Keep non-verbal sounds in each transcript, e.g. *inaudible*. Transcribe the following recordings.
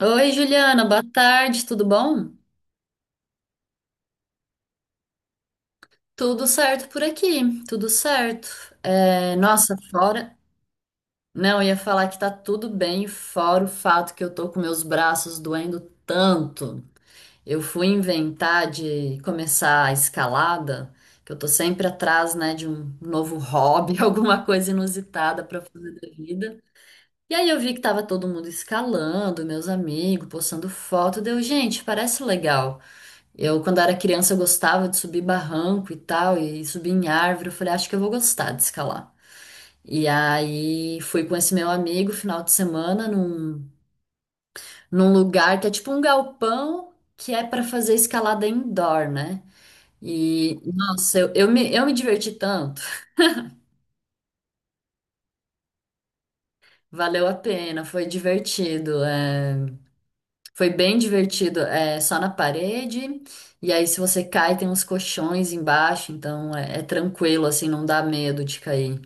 Oi, Juliana, boa tarde, tudo bom? Tudo certo por aqui, tudo certo. É, nossa, fora. Não, eu ia falar que tá tudo bem, fora o fato que eu tô com meus braços doendo tanto. Eu fui inventar de começar a escalada, que eu tô sempre atrás, né, de um novo hobby, *laughs* alguma coisa inusitada pra fazer da vida. E aí eu vi que tava todo mundo escalando, meus amigos, postando foto, deu, gente, parece legal. Eu, quando era criança, eu gostava de subir barranco e tal, e subir em árvore. Eu falei, acho que eu vou gostar de escalar. E aí fui com esse meu amigo final de semana num lugar que é tipo um galpão que é para fazer escalada indoor, né? E nossa, eu me diverti tanto, valeu a pena, foi divertido, é, foi bem divertido, é só na parede. E aí, se você cai, tem uns colchões embaixo, então é tranquilo, assim, não dá medo de cair.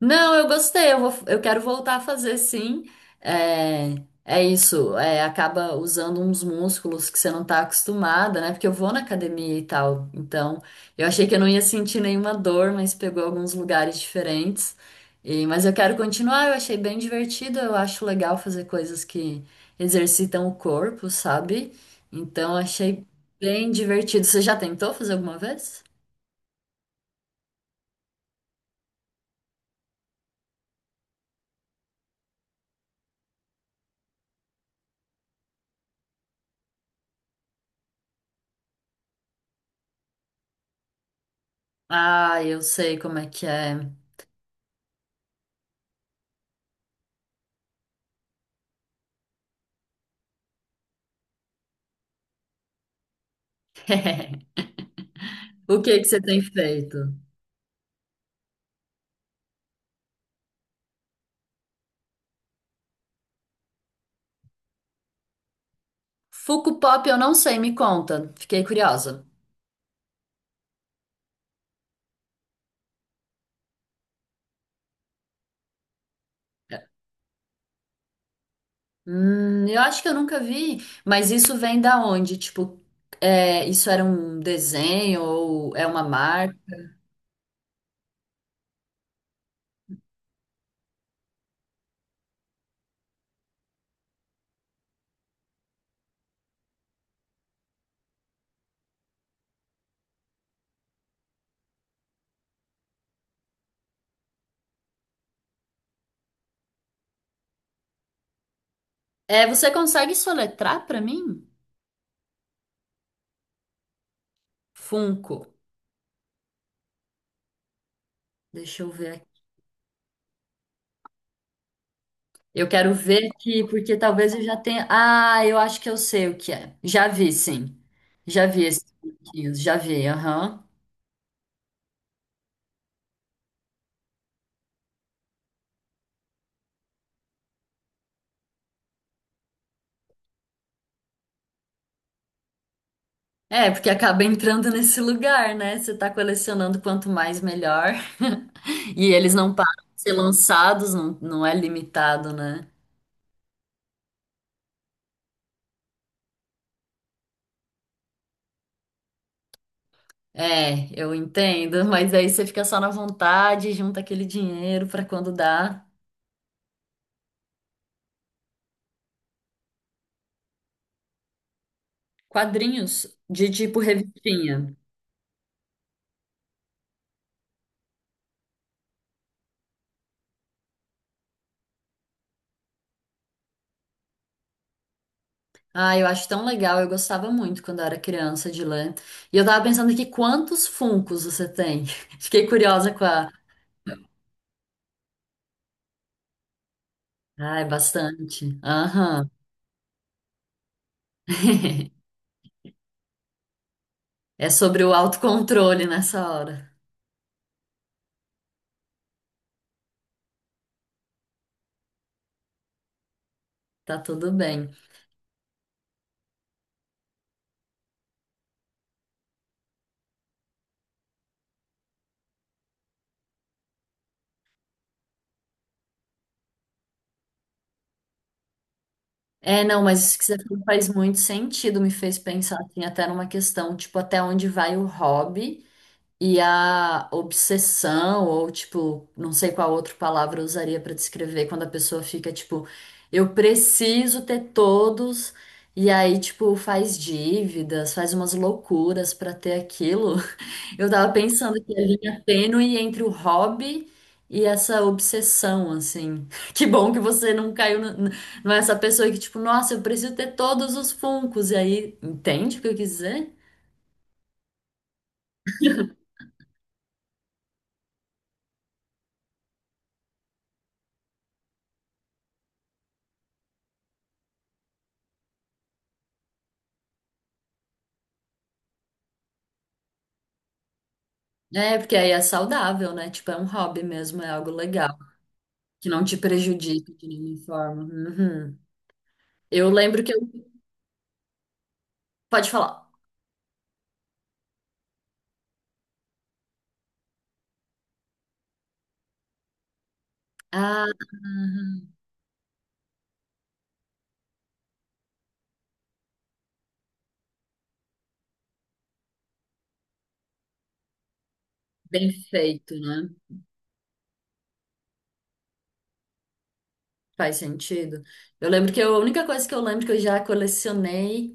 Não, eu gostei, eu vou, eu quero voltar a fazer sim. É, é isso, é, acaba usando uns músculos que você não tá acostumada, né? Porque eu vou na academia e tal, então eu achei que eu não ia sentir nenhuma dor, mas pegou alguns lugares diferentes. E, mas eu quero continuar, eu achei bem divertido, eu acho legal fazer coisas que exercitam o corpo, sabe? Então eu achei bem divertido. Você já tentou fazer alguma vez? Ah, eu sei como é que é. *laughs* O que que você tem feito? Funko Pop eu não sei, me conta. Fiquei curiosa. Eu acho que eu nunca vi, mas isso vem da onde? Tipo, é, isso era um desenho ou é uma marca? É, você consegue soletrar pra mim? Funko. Deixa eu ver aqui. Eu quero ver aqui, porque talvez eu já tenha. Ah, eu acho que eu sei o que é. Já vi, sim. Já vi esses funkinhos, já vi, aham. É, porque acaba entrando nesse lugar, né? Você tá colecionando quanto mais melhor. *laughs* E eles não param de ser lançados, não, não é limitado, né? É, eu entendo, mas aí você fica só na vontade, junta aquele dinheiro pra quando dá. Quadrinhos de tipo revistinha. Ah, eu acho tão legal, eu gostava muito quando eu era criança de ler. E eu tava pensando aqui quantos Funkos você tem? *laughs* Fiquei curiosa com a. Ah, é bastante. Aham. *laughs* É sobre o autocontrole nessa hora. Tá tudo bem. É, não, mas isso que você falou faz muito sentido, me fez pensar assim, até numa questão, tipo, até onde vai o hobby e a obsessão, ou tipo, não sei qual outra palavra eu usaria pra descrever quando a pessoa fica, tipo, eu preciso ter todos, e aí, tipo, faz dívidas, faz umas loucuras pra ter aquilo. Eu tava pensando que a linha tênue entre o hobby e essa obsessão, assim. *laughs* Que bom que você não caiu, não é essa pessoa que, tipo, nossa, eu preciso ter todos os funcos. E aí, entende o que eu quis dizer? É, porque aí é saudável, né? Tipo, é um hobby mesmo, é algo legal, que não te prejudica de nenhuma forma. Uhum. Eu lembro que eu. Pode falar. Ah, uhum. Bem feito, né? Faz sentido. Eu lembro que eu- A única coisa que eu lembro que eu já colecionei.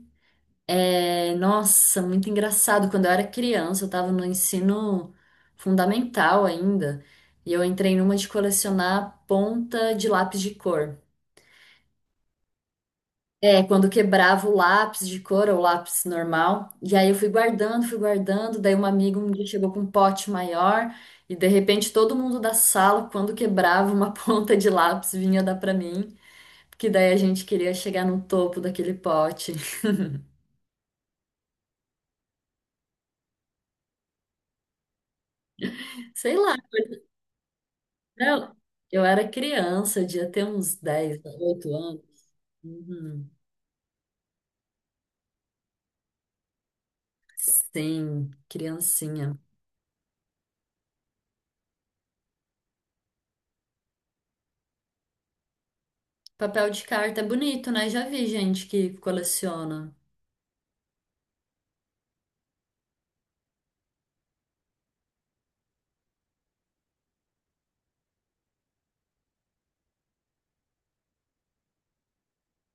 É, nossa, muito engraçado. Quando eu era criança, eu estava no ensino fundamental ainda, e eu entrei numa de colecionar ponta de lápis de cor. É, quando quebrava o lápis de cor ou lápis normal. E aí eu fui guardando, fui guardando. Daí uma amiga um dia chegou com um pote maior. E de repente todo mundo da sala, quando quebrava uma *laughs* ponta de lápis, vinha dar pra mim. Porque daí a gente queria chegar no topo daquele pote. *laughs* Sei lá. Eu, eu era criança, eu devia ter uns 10, 8 anos. Uhum. Sim, criancinha. Papel de carta é bonito, né? Já vi gente que coleciona.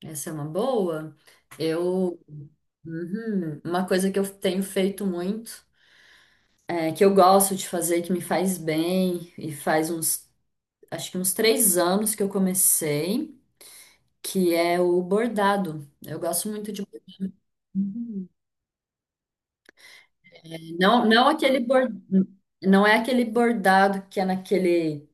Essa é uma boa. Eu, uhum, uma coisa que eu tenho feito muito, é, que eu gosto de fazer, que me faz bem, e faz uns, acho que uns 3 anos que eu comecei, que é o bordado. Eu gosto muito de. Uhum. Não, não aquele bor... não é aquele bordado que é naquele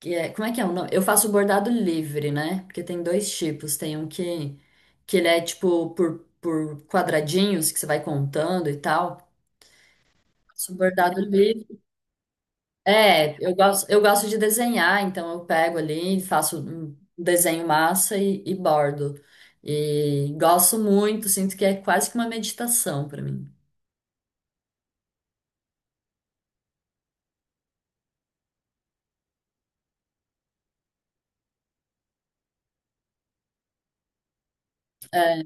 que é... como é que é? O nome? Eu faço bordado livre, né? Porque tem 2 tipos, tem um que ele é tipo por quadradinhos que você vai contando e tal. Faço bordado livre. É, eu gosto de desenhar, então eu pego ali, faço um desenho massa e bordo. E gosto muito, sinto que é quase que uma meditação pra mim. É,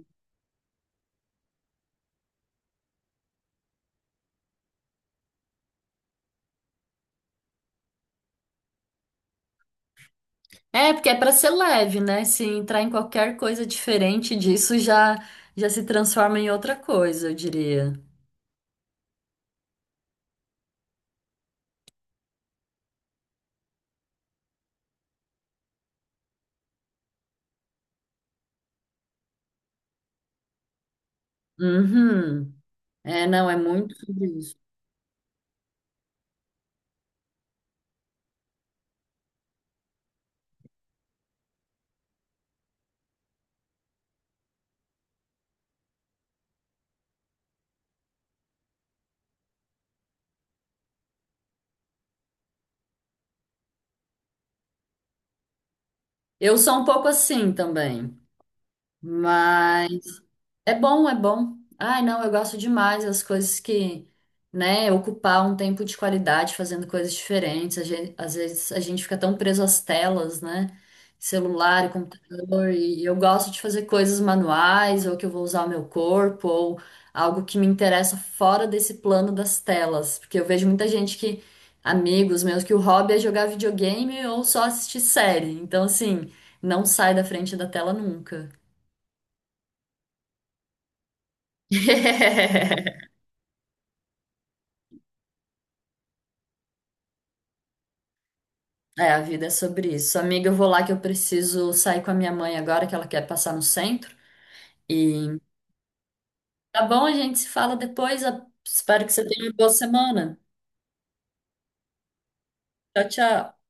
É, porque é para ser leve, né? Se entrar em qualquer coisa diferente disso, já se transforma em outra coisa, eu diria. Uhum. É, não, é muito sobre isso. Eu sou um pouco assim também, mas. É bom, é bom. Ai, não, eu gosto demais das coisas que, né, ocupar um tempo de qualidade fazendo coisas diferentes. Às vezes a gente fica tão preso às telas, né? Celular, computador, e eu gosto de fazer coisas manuais, ou que eu vou usar o meu corpo, ou algo que me interessa fora desse plano das telas. Porque eu vejo muita gente que, amigos meus, que o hobby é jogar videogame ou só assistir série. Então, assim, não sai da frente da tela nunca. *laughs* É, a vida é sobre isso. Amiga, eu vou lá que eu preciso sair com a minha mãe agora, que ela quer passar no centro. E tá bom, a gente se fala depois. Espero que você tenha uma boa semana. Tchau, tchau.